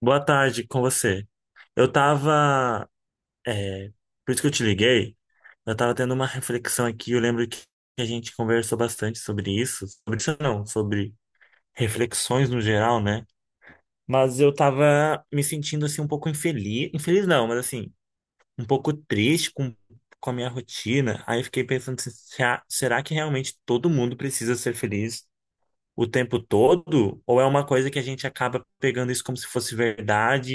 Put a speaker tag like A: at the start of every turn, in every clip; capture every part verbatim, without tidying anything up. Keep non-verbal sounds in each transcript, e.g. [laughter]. A: Boa tarde com você. Eu tava, é, por isso que eu te liguei, eu tava tendo uma reflexão aqui, eu lembro que a gente conversou bastante sobre isso, sobre isso não, sobre reflexões no geral, né? Mas eu tava me sentindo assim um pouco infeliz, infeliz não, mas assim, um pouco triste com, com a minha rotina. Aí eu fiquei pensando assim, será, será que realmente todo mundo precisa ser feliz o tempo todo? Ou é uma coisa que a gente acaba pegando isso como se fosse verdade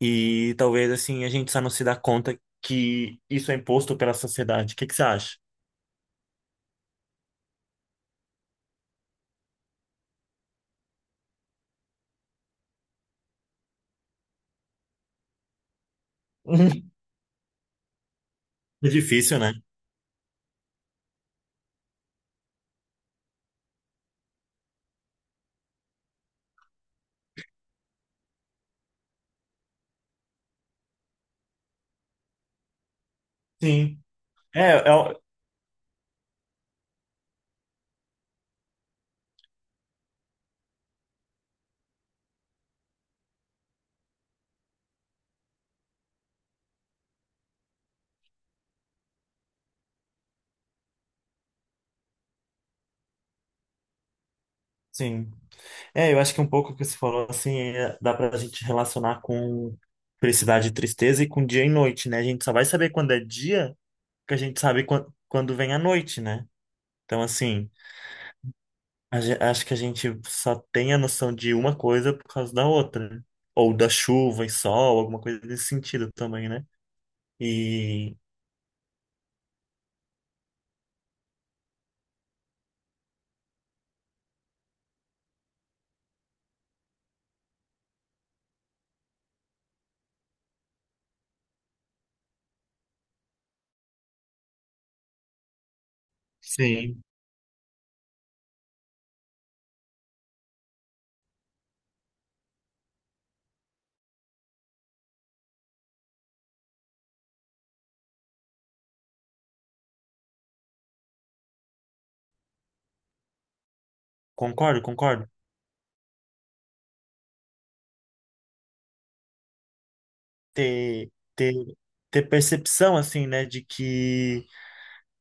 A: e talvez assim a gente só não se dá conta que isso é imposto pela sociedade. O que que você acha? [laughs] É difícil, né? Sim. É, é, o- sim. É, eu acho que um pouco o que você falou, assim, é, dá pra gente relacionar com felicidade e tristeza e com dia e noite, né? A gente só vai saber quando é dia que a gente sabe quan- quando vem a noite, né? Então, assim, a ge- acho que a gente só tem a noção de uma coisa por causa da outra, né? Ou da chuva e sol, alguma coisa desse sentido também, né? e Sim, concordo, concordo. Ter, ter, ter percepção, assim, né, de que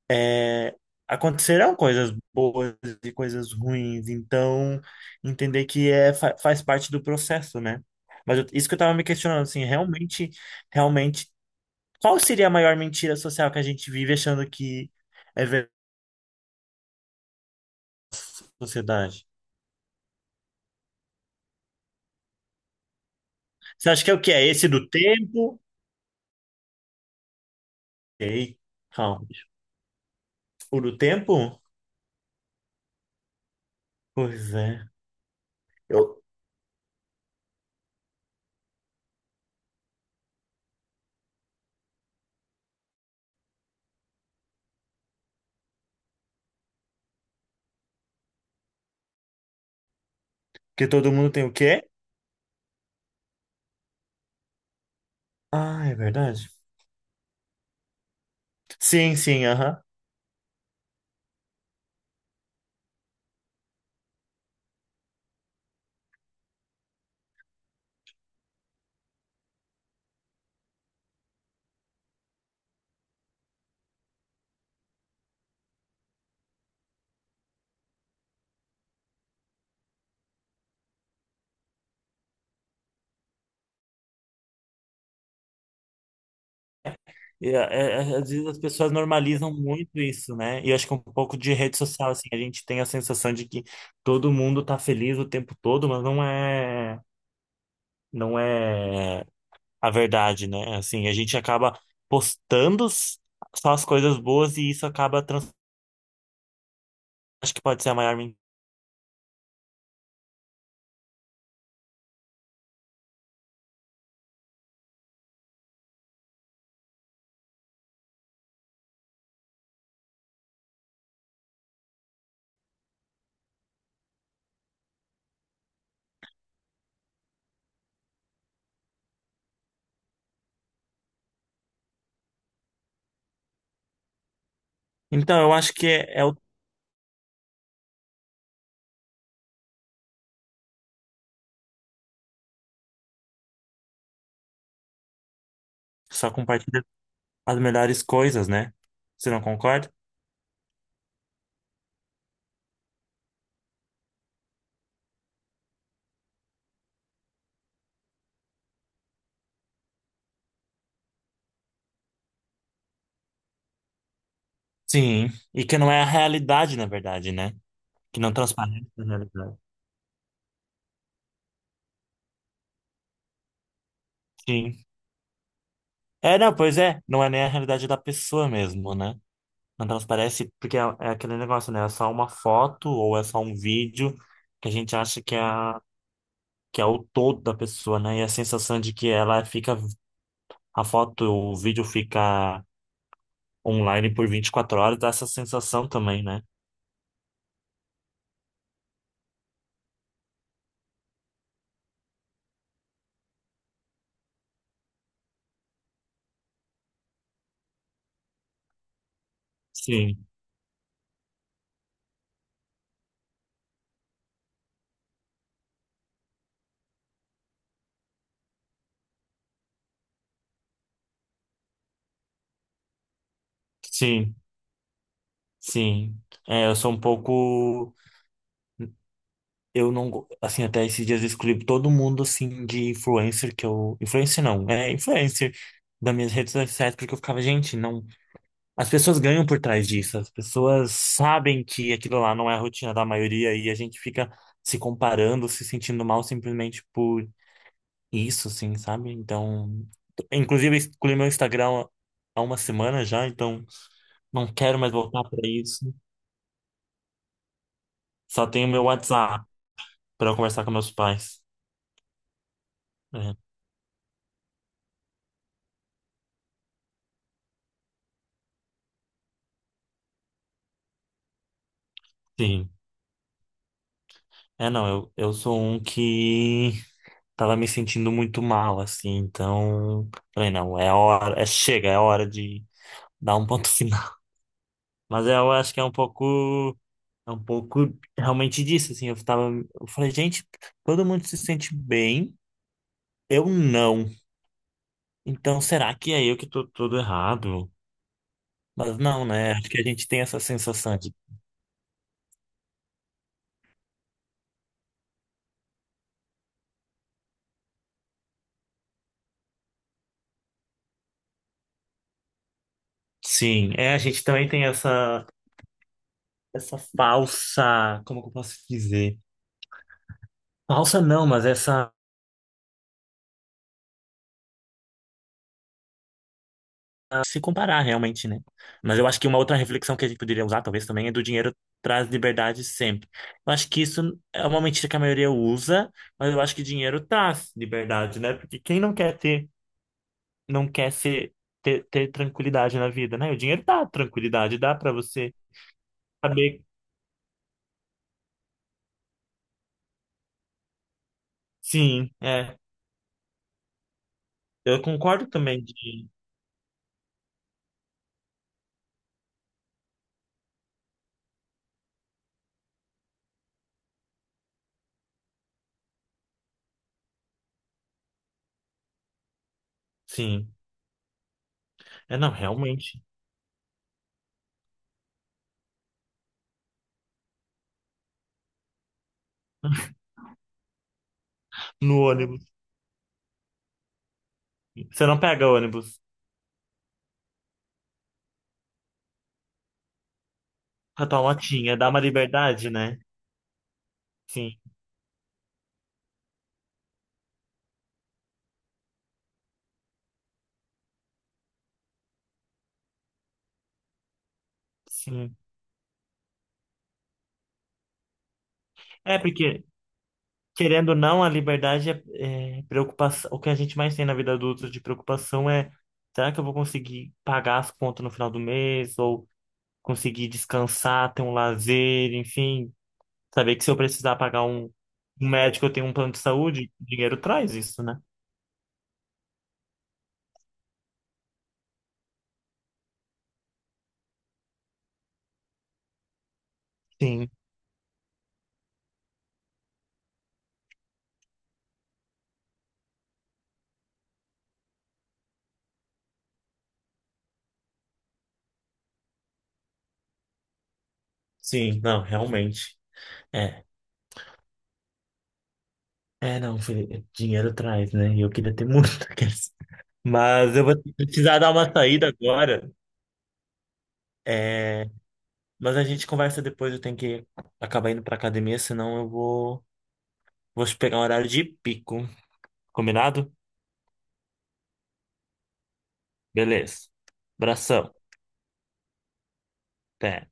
A: eh, acontecerão coisas boas e coisas ruins, então entender que é, fa- faz parte do processo, né? Mas eu- isso que eu tava me questionando, assim, realmente, realmente, qual seria a maior mentira social que a gente vive achando que é verdade na sociedade? Você acha que é o que é esse do tempo? Ei, calma. O do tempo? Pois é. Eu, que todo mundo tem o quê? Ah, é verdade. Sim, sim, aham. E, é, é, às vezes as pessoas normalizam muito isso, né? E eu acho que um pouco de rede social, assim, a gente tem a sensação de que todo mundo tá feliz o tempo todo, mas não é, não é a verdade, né? Assim, a gente acaba postando s- só as coisas boas e isso acaba trans... Acho que pode ser a maior mentira. Então, eu acho que é, é o... só compartilha as melhores coisas, né? Você não concorda? Sim. E que não é a realidade, na verdade, né? Que não transparece a realidade. Sim. É, não, pois é. Não é nem a realidade da pessoa mesmo, né? Não transparece porque é, é aquele negócio, né? É só uma foto ou é só um vídeo que a gente acha que é, a- que é o todo da pessoa, né? E a sensação de que ela fica. A foto, o vídeo fica online por vinte e quatro horas dá essa sensação também, né? Sim, sim, sim. É, eu sou um pouco. Eu não, go- assim, até esses dias eu excluí todo mundo, assim, de influencer que eu. Influencer não, é influencer das minhas redes sociais, porque eu ficava, gente, não. As pessoas ganham por trás disso, as pessoas sabem que aquilo lá não é a rotina da maioria e a gente fica se comparando, se sentindo mal simplesmente por isso, assim, sabe? Então, inclusive, eu excluí meu Instagram há uma semana já, então não quero mais voltar para isso. Só tenho meu WhatsApp para conversar com meus pais. É, sim. É, não, eu, eu sou um que tava me sentindo muito mal, assim, então falei, não, é a hora, é chega, é a hora de dar um ponto [laughs] final. Mas eu acho que é um pouco, é um pouco realmente disso, assim, eu tava, eu falei, gente, todo mundo se sente bem, eu não. Então será que é eu que tô todo errado? Mas não, né? Acho que a gente tem essa sensação de, sim, é, a gente também tem essa, essa falsa, como que eu posso dizer? Falsa não, mas essa se comparar realmente, né? Mas eu acho que uma outra reflexão que a gente poderia usar, talvez também, é do dinheiro traz liberdade sempre. Eu acho que isso é uma mentira que a maioria usa, mas eu acho que dinheiro traz liberdade, né? Porque quem não quer ter, não quer ser, ter, ter tranquilidade na vida, né? O dinheiro dá tranquilidade, dá pra você saber. Sim, é. Eu concordo também de. Sim. É, não, realmente. No ônibus. Você não pega ônibus. A tua motinha dá uma liberdade, né? Sim, sim. É porque querendo ou não, a liberdade é, é preocupação. O que a gente mais tem na vida adulta de preocupação é: será que eu vou conseguir pagar as contas no final do mês? Ou conseguir descansar, ter um lazer, enfim. Saber que se eu precisar pagar um, um médico, eu tenho um plano de saúde, dinheiro traz isso, né? Sim, sim, não, realmente. É, é, não, Felipe, dinheiro traz, né? E eu queria ter muito [laughs] daqueles. Mas eu vou precisar dar uma saída agora. É, mas a gente conversa depois, eu tenho que acabar indo pra academia, senão eu vou, vou pegar um horário de pico. Combinado? Beleza. Abração. Até.